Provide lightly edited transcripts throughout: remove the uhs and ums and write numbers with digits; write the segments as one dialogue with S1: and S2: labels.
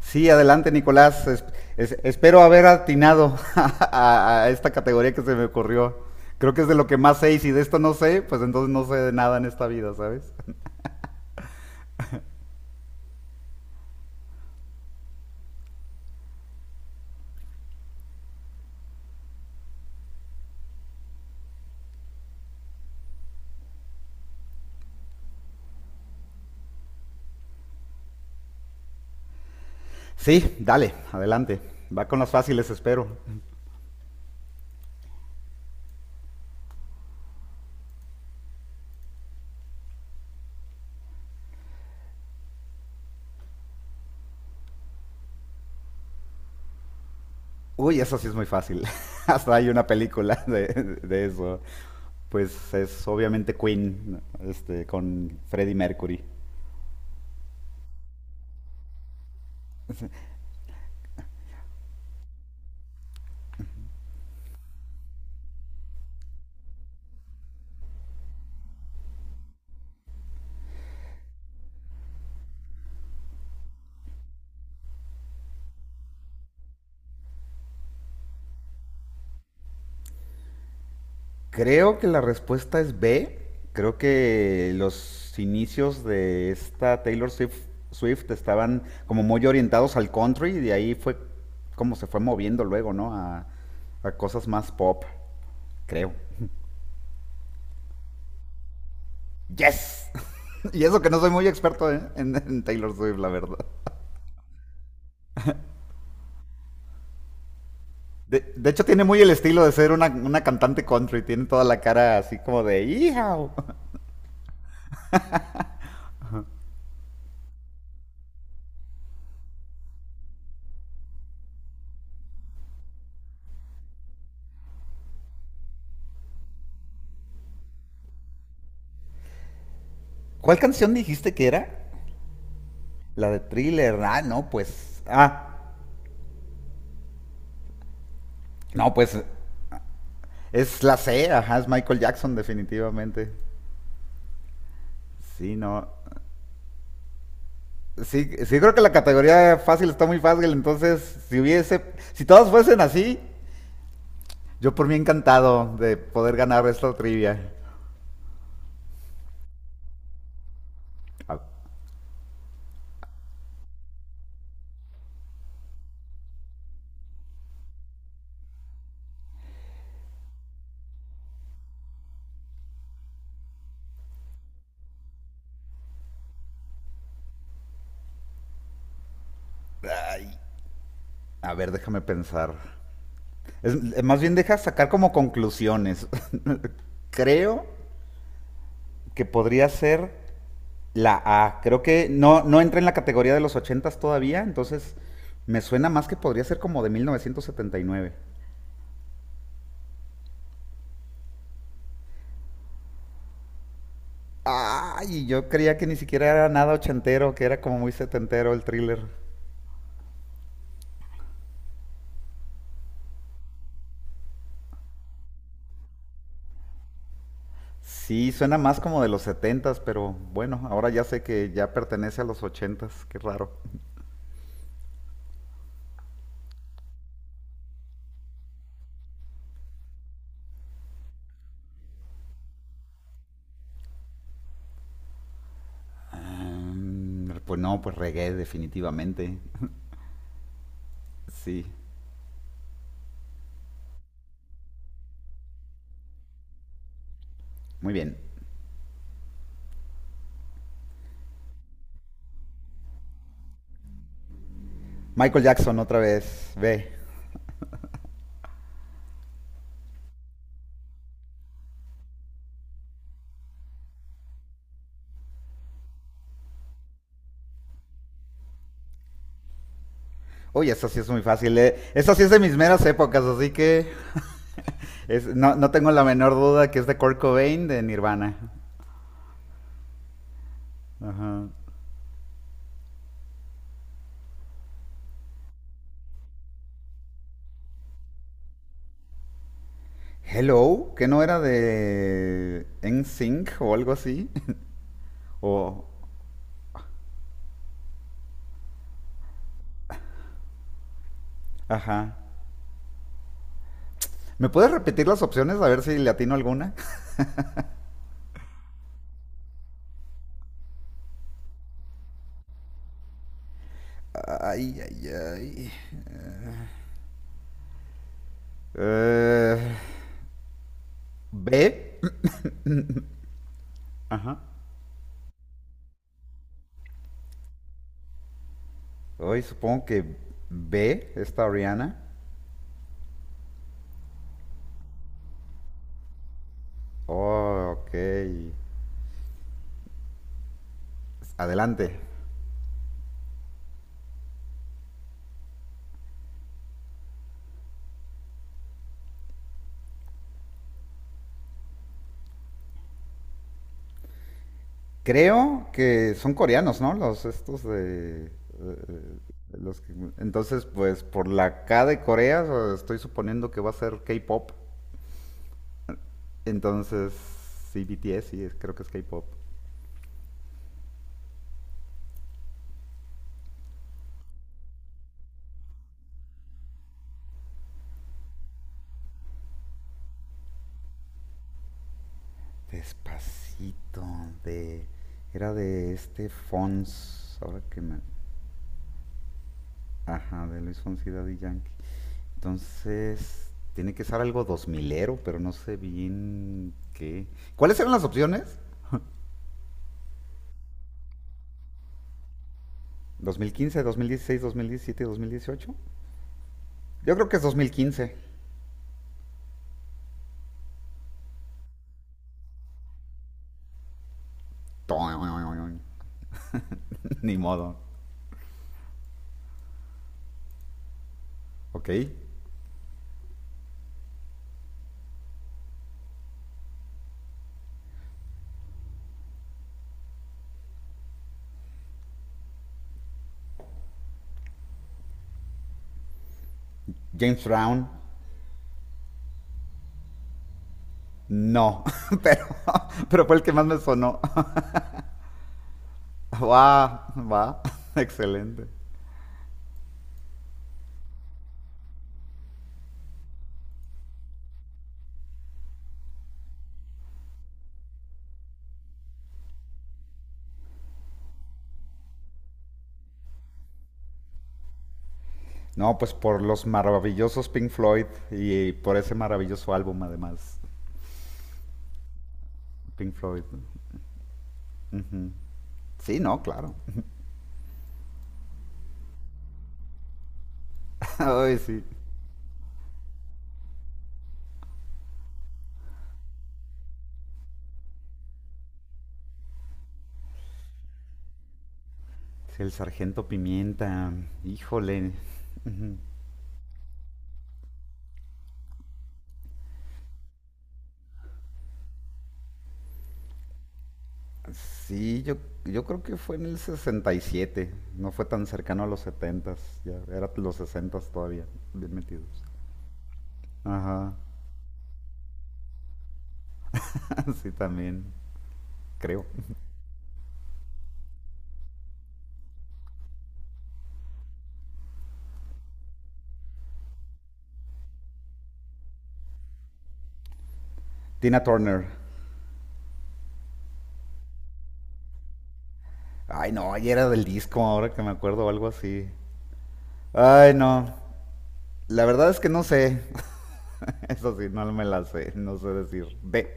S1: Sí, adelante, Nicolás. Espero haber atinado a esta categoría que se me ocurrió. Creo que es de lo que más sé, y si de esto no sé, pues entonces no sé de nada en esta vida, ¿sabes? Sí, dale, adelante. Va con las fáciles, espero. Uy, eso sí es muy fácil. Hasta hay una película de eso. Pues es obviamente Queen, este, con Freddie Mercury. Creo que la respuesta es B. Creo que los inicios de esta Taylor Swift estaban como muy orientados al country, y de ahí fue como se fue moviendo luego, ¿no? A cosas más pop, creo. ¡Yes! Y eso que no soy muy experto en Taylor Swift, la verdad. De hecho, tiene muy el estilo de ser una cantante country. Tiene toda la cara así como de ¡Hijao! ¿Cuál canción dijiste que era? La de Thriller. Ah, no, pues. Ah, no, pues, es la C, ajá, es Michael Jackson, definitivamente. Sí, no. Sí, sí, creo que la categoría fácil está muy fácil. Entonces, si hubiese, si todos fuesen así, yo por mí encantado de poder ganar esta trivia. A, a ver, déjame pensar. Más bien deja sacar como conclusiones. Creo que podría ser la A. Creo que no, no entra en la categoría de los ochentas todavía, entonces me suena más que podría ser como de 1979. Ay, yo creía que ni siquiera era nada ochentero, que era como muy setentero el Thriller. Sí, suena más como de los setentas, pero bueno, ahora ya sé que ya pertenece a los ochentas, qué raro. Pues no, pues reggae definitivamente. Sí, muy bien. Michael Jackson otra vez, ve. Uy, esa sí es muy fácil. Esa sí es de mis meras épocas, así que no, no tengo la menor duda que es de Kurt Cobain de Nirvana. Ajá. Hello, ¿que no era de NSYNC o algo así? O. Ajá. ¿Me puedes repetir las opciones, a ver si le atino alguna? Ay, ay, ay. Eh, B. Ajá. Hoy supongo que B, esta Rihanna. Oh, ok. Adelante. Creo que son coreanos, ¿no? Los estos de, entonces, pues por la K de Corea, estoy suponiendo que va a ser K-pop. Entonces, sí, BTS, sí, creo que es K-pop. Despacito, de. Era de este Fons, ahora que me. Ajá, de Luis Fonsi y Daddy Yankee. Entonces, tiene que ser algo dos milero, pero no sé bien qué. ¿Cuáles eran las opciones? Dos mil quince, dieciséis, diecisiete, 2018. Yo creo que es 2015. Ni modo. Ok. James Brown. No, pero, pero fue el que más me sonó. Va, va. Excelente. No, pues por los maravillosos Pink Floyd y por ese maravilloso álbum, además. Pink Floyd, ¿no? Sí, no, claro. Ay, sí. Sí, el Sargento Pimienta, híjole. Sí, yo creo que fue en el 67. No fue tan cercano a los setentas, ya eran los sesentas todavía, bien metidos. Ajá, sí, también, creo. Tina Turner. Ay, no, y era del disco, ahora que me acuerdo, o algo así. Ay, no. La verdad es que no sé. Eso sí, no me la sé. No sé decir B.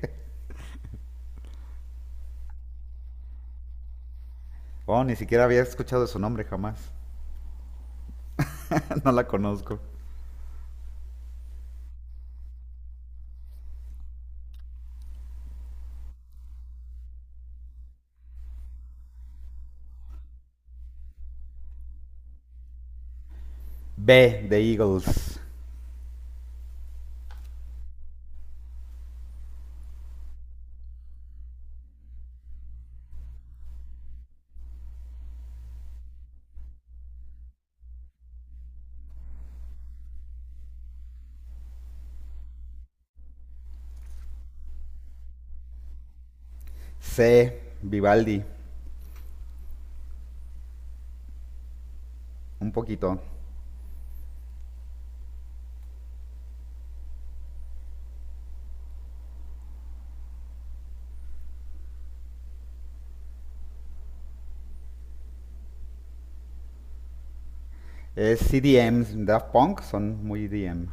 S1: Oh, ni siquiera había escuchado su nombre jamás. No la conozco. B, The Eagles. C, Vivaldi. Un poquito. Es CDM. Daft Punk son muy E D M.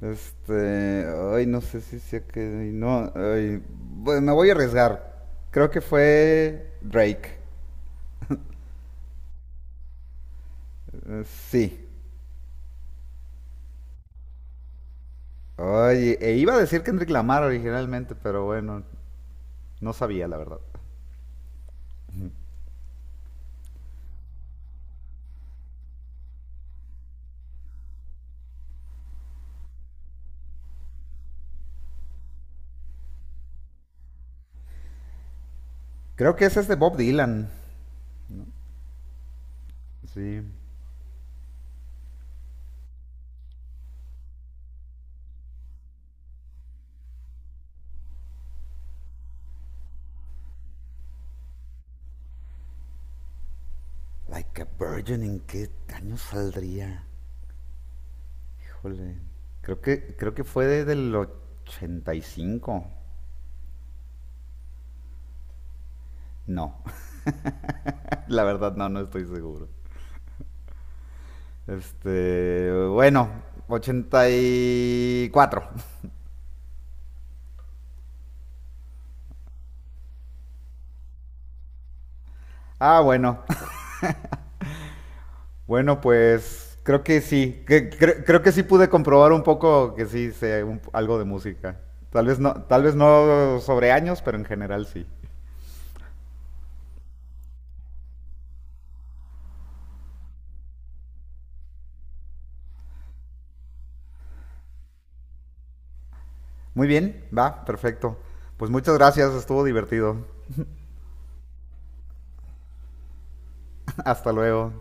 S1: Este. Ay, no sé si sé que. No. Ay, bueno, me voy a arriesgar. Creo que fue Drake. Sí. Ay, e iba a decir Kendrick Lamar originalmente, pero bueno. No sabía, la verdad. Creo que ese es de Bob Dylan. Sí. Like a Virgin, ¿en qué año saldría? Híjole. Creo que fue desde el 85. No, la verdad no estoy seguro. Este, bueno, 84. Ah, bueno. Bueno, pues creo que sí. Creo que sí pude comprobar un poco que sí sé algo de música. Tal vez no sobre años, pero en general sí. Muy bien, va, perfecto. Pues muchas gracias, estuvo divertido. Hasta luego.